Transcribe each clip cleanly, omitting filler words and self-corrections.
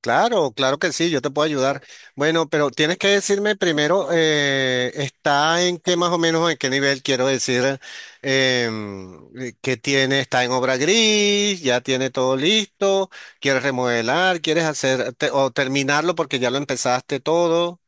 Claro, claro que sí, yo te puedo ayudar. Bueno, pero tienes que decirme primero, está en qué más o menos, en qué nivel quiero decir, que tiene, está en obra gris, ya tiene todo listo, quieres remodelar, quieres hacer o terminarlo porque ya lo empezaste todo.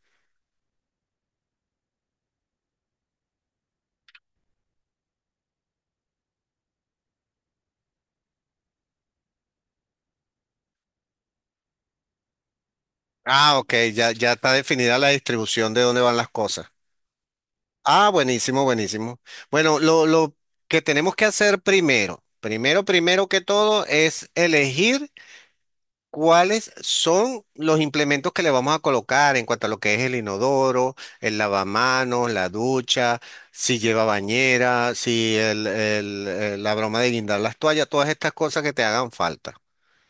Ah, ok, ya, ya está definida la distribución de dónde van las cosas. Ah, buenísimo, buenísimo. Bueno, lo que tenemos que hacer primero, primero que todo es elegir. ¿Cuáles son los implementos que le vamos a colocar en cuanto a lo que es el inodoro, el lavamanos, la ducha, si lleva bañera, si la broma de guindar las toallas, todas estas cosas que te hagan falta?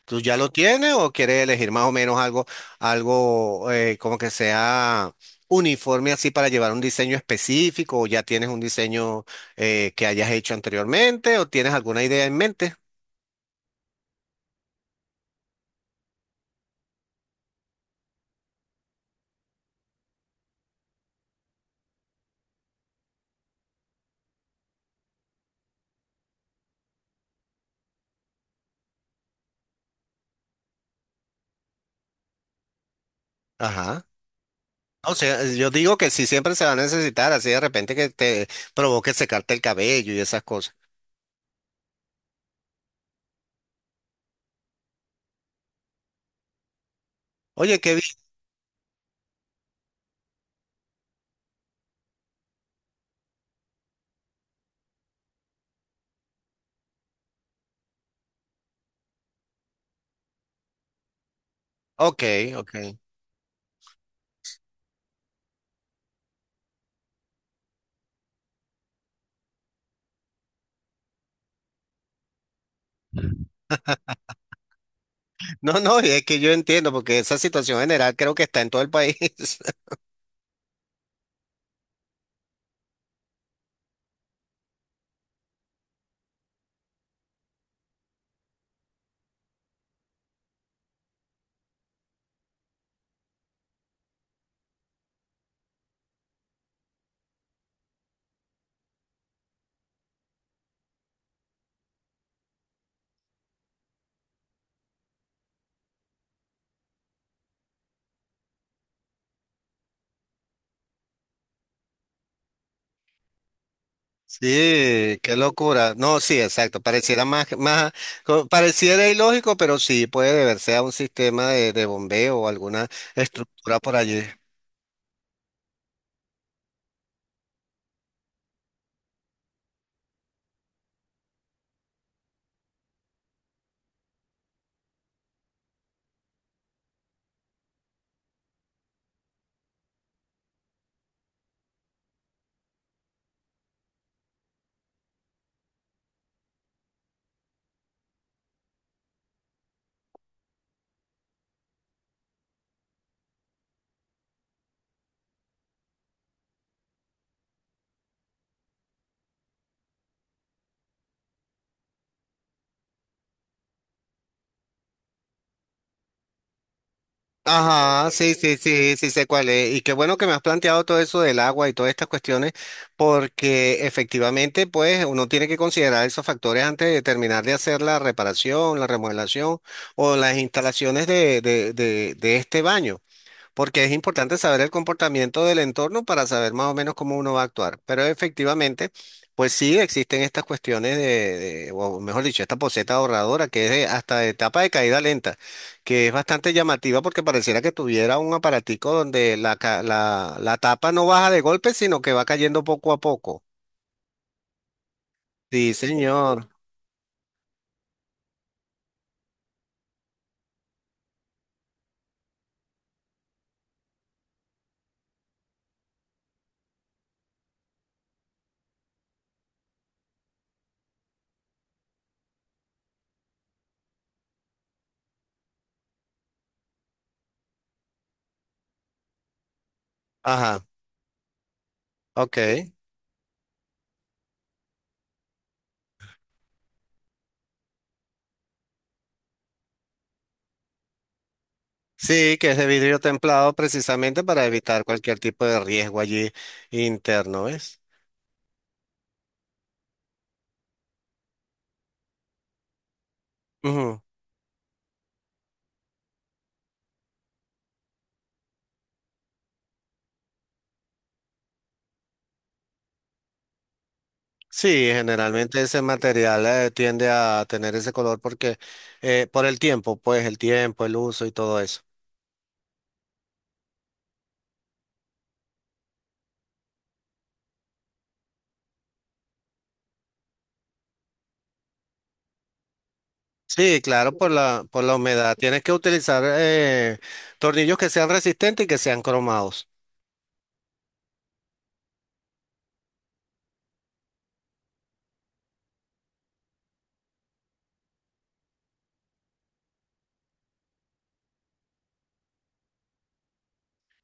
¿Tú ya lo tienes o quieres elegir más o menos algo, algo como que sea uniforme así para llevar un diseño específico o ya tienes un diseño que hayas hecho anteriormente o tienes alguna idea en mente? Ajá. O sea, yo digo que sí siempre se va a necesitar, así de repente que te provoque secarte el cabello y esas cosas. Oye, qué bien. Ok, ok. No, no, y es que yo entiendo, porque esa situación general creo que está en todo el país. Sí, qué locura. No, sí, exacto. Pareciera más, más, pareciera ilógico, pero sí puede deberse a un sistema de bombeo o alguna estructura por allí. Ajá, sí, sí, sí, sí sé cuál es. Y qué bueno que me has planteado todo eso del agua y todas estas cuestiones, porque efectivamente, pues, uno tiene que considerar esos factores antes de terminar de hacer la reparación, la remodelación o las instalaciones de este baño. Porque es importante saber el comportamiento del entorno para saber más o menos cómo uno va a actuar. Pero efectivamente, pues sí existen estas cuestiones de, o mejor dicho, esta poseta ahorradora que es hasta de etapa de caída lenta, que es bastante llamativa porque pareciera que tuviera un aparatico donde la, la, la tapa no baja de golpe, sino que va cayendo poco a poco. Sí, señor. Ajá, ok. Sí, que es de vidrio templado precisamente para evitar cualquier tipo de riesgo allí interno, ¿ves? Sí, generalmente ese material tiende a tener ese color porque por el tiempo, pues el tiempo, el uso y todo eso. Sí, claro, por la humedad. Tienes que utilizar tornillos que sean resistentes y que sean cromados.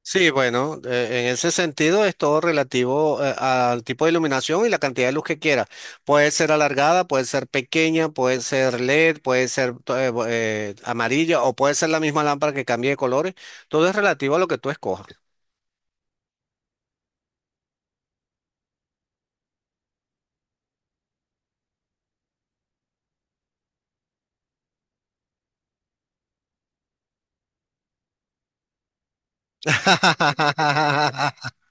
Sí, bueno, en ese sentido es todo relativo al tipo de iluminación y la cantidad de luz que quieras. Puede ser alargada, puede ser pequeña, puede ser LED, puede ser amarilla o puede ser la misma lámpara que cambie de colores. Todo es relativo a lo que tú escojas.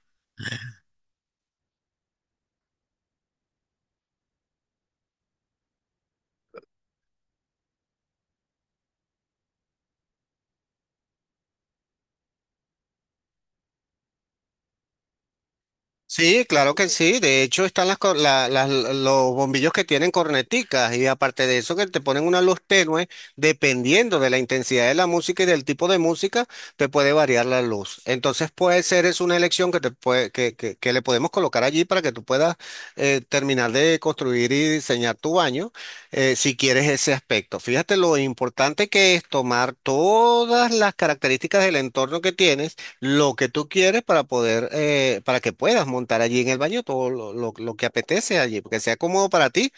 Sí, claro que sí. De hecho, están las, los bombillos que tienen corneticas y aparte de eso que te ponen una luz tenue, dependiendo de la intensidad de la música y del tipo de música, te puede variar la luz. Entonces puede ser es una elección que, te puede, que le podemos colocar allí para que tú puedas terminar de construir y diseñar tu baño si quieres ese aspecto. Fíjate lo importante que es tomar todas las características del entorno que tienes lo que tú quieres para poder, para que puedas montar allí en el baño todo lo, lo que apetece allí, porque sea cómodo para ti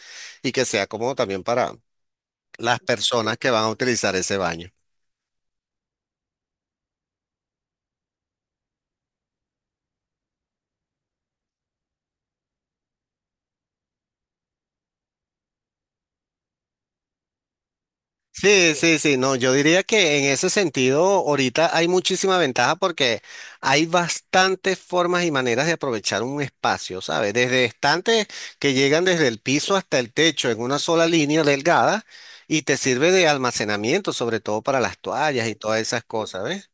y que sea cómodo también para las personas que van a utilizar ese baño. Sí, sí, sí, no, yo diría que en ese sentido ahorita hay muchísima ventaja porque hay bastantes formas y maneras de aprovechar un espacio, ¿sabes? Desde estantes que llegan desde el piso hasta el techo en una sola línea delgada y te sirve de almacenamiento, sobre todo para las toallas y todas esas cosas, ¿ves?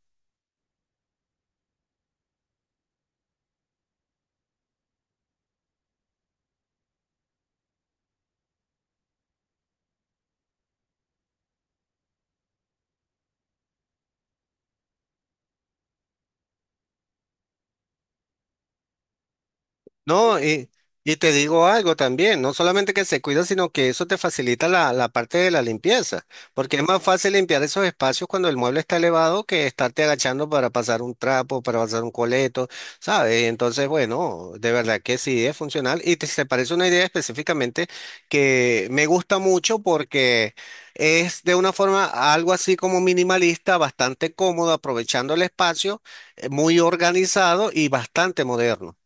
No, y te digo algo también, no solamente que se cuida, sino que eso te facilita la, la parte de la limpieza, porque es más fácil limpiar esos espacios cuando el mueble está elevado que estarte agachando para pasar un trapo, para pasar un coleto, ¿sabes? Entonces, bueno, de verdad que sí es funcional y te, se parece una idea específicamente que me gusta mucho porque es de una forma algo así como minimalista, bastante cómodo, aprovechando el espacio, muy organizado y bastante moderno.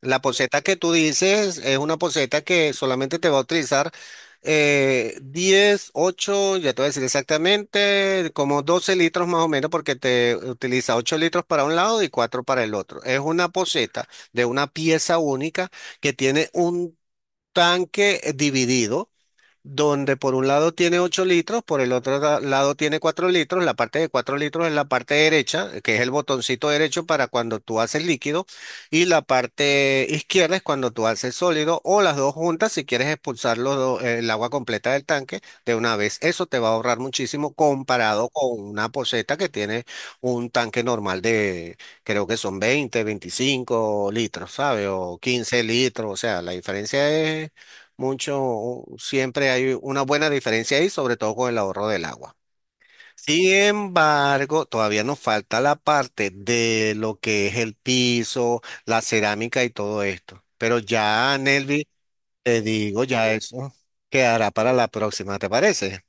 La poceta que tú dices es una poceta que solamente te va a utilizar 10, 8, ya te voy a decir exactamente, como 12 litros más o menos, porque te utiliza 8 litros para un lado y 4 para el otro. Es una poceta de una pieza única que tiene un tanque dividido donde por un lado tiene 8 litros, por el otro lado tiene 4 litros. La parte de 4 litros es la parte derecha, que es el botoncito derecho para cuando tú haces líquido, y la parte izquierda es cuando tú haces sólido, o las dos juntas si quieres expulsar el agua completa del tanque de una vez. Eso te va a ahorrar muchísimo comparado con una poceta que tiene un tanque normal de, creo que son 20 25 litros, ¿sabes? O 15 litros, o sea, la diferencia es mucho, siempre hay una buena diferencia ahí, sobre todo con el ahorro del agua. Sin embargo, todavía nos falta la parte de lo que es el piso, la cerámica y todo esto. Pero ya, Nelvi, te digo, ya eso quedará para la próxima, ¿te parece?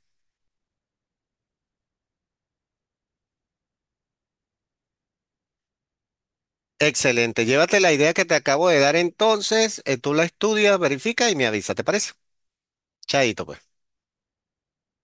Excelente. Llévate la idea que te acabo de dar entonces, tú la estudias, verifica y me avisa, ¿te parece? Chaito, pues.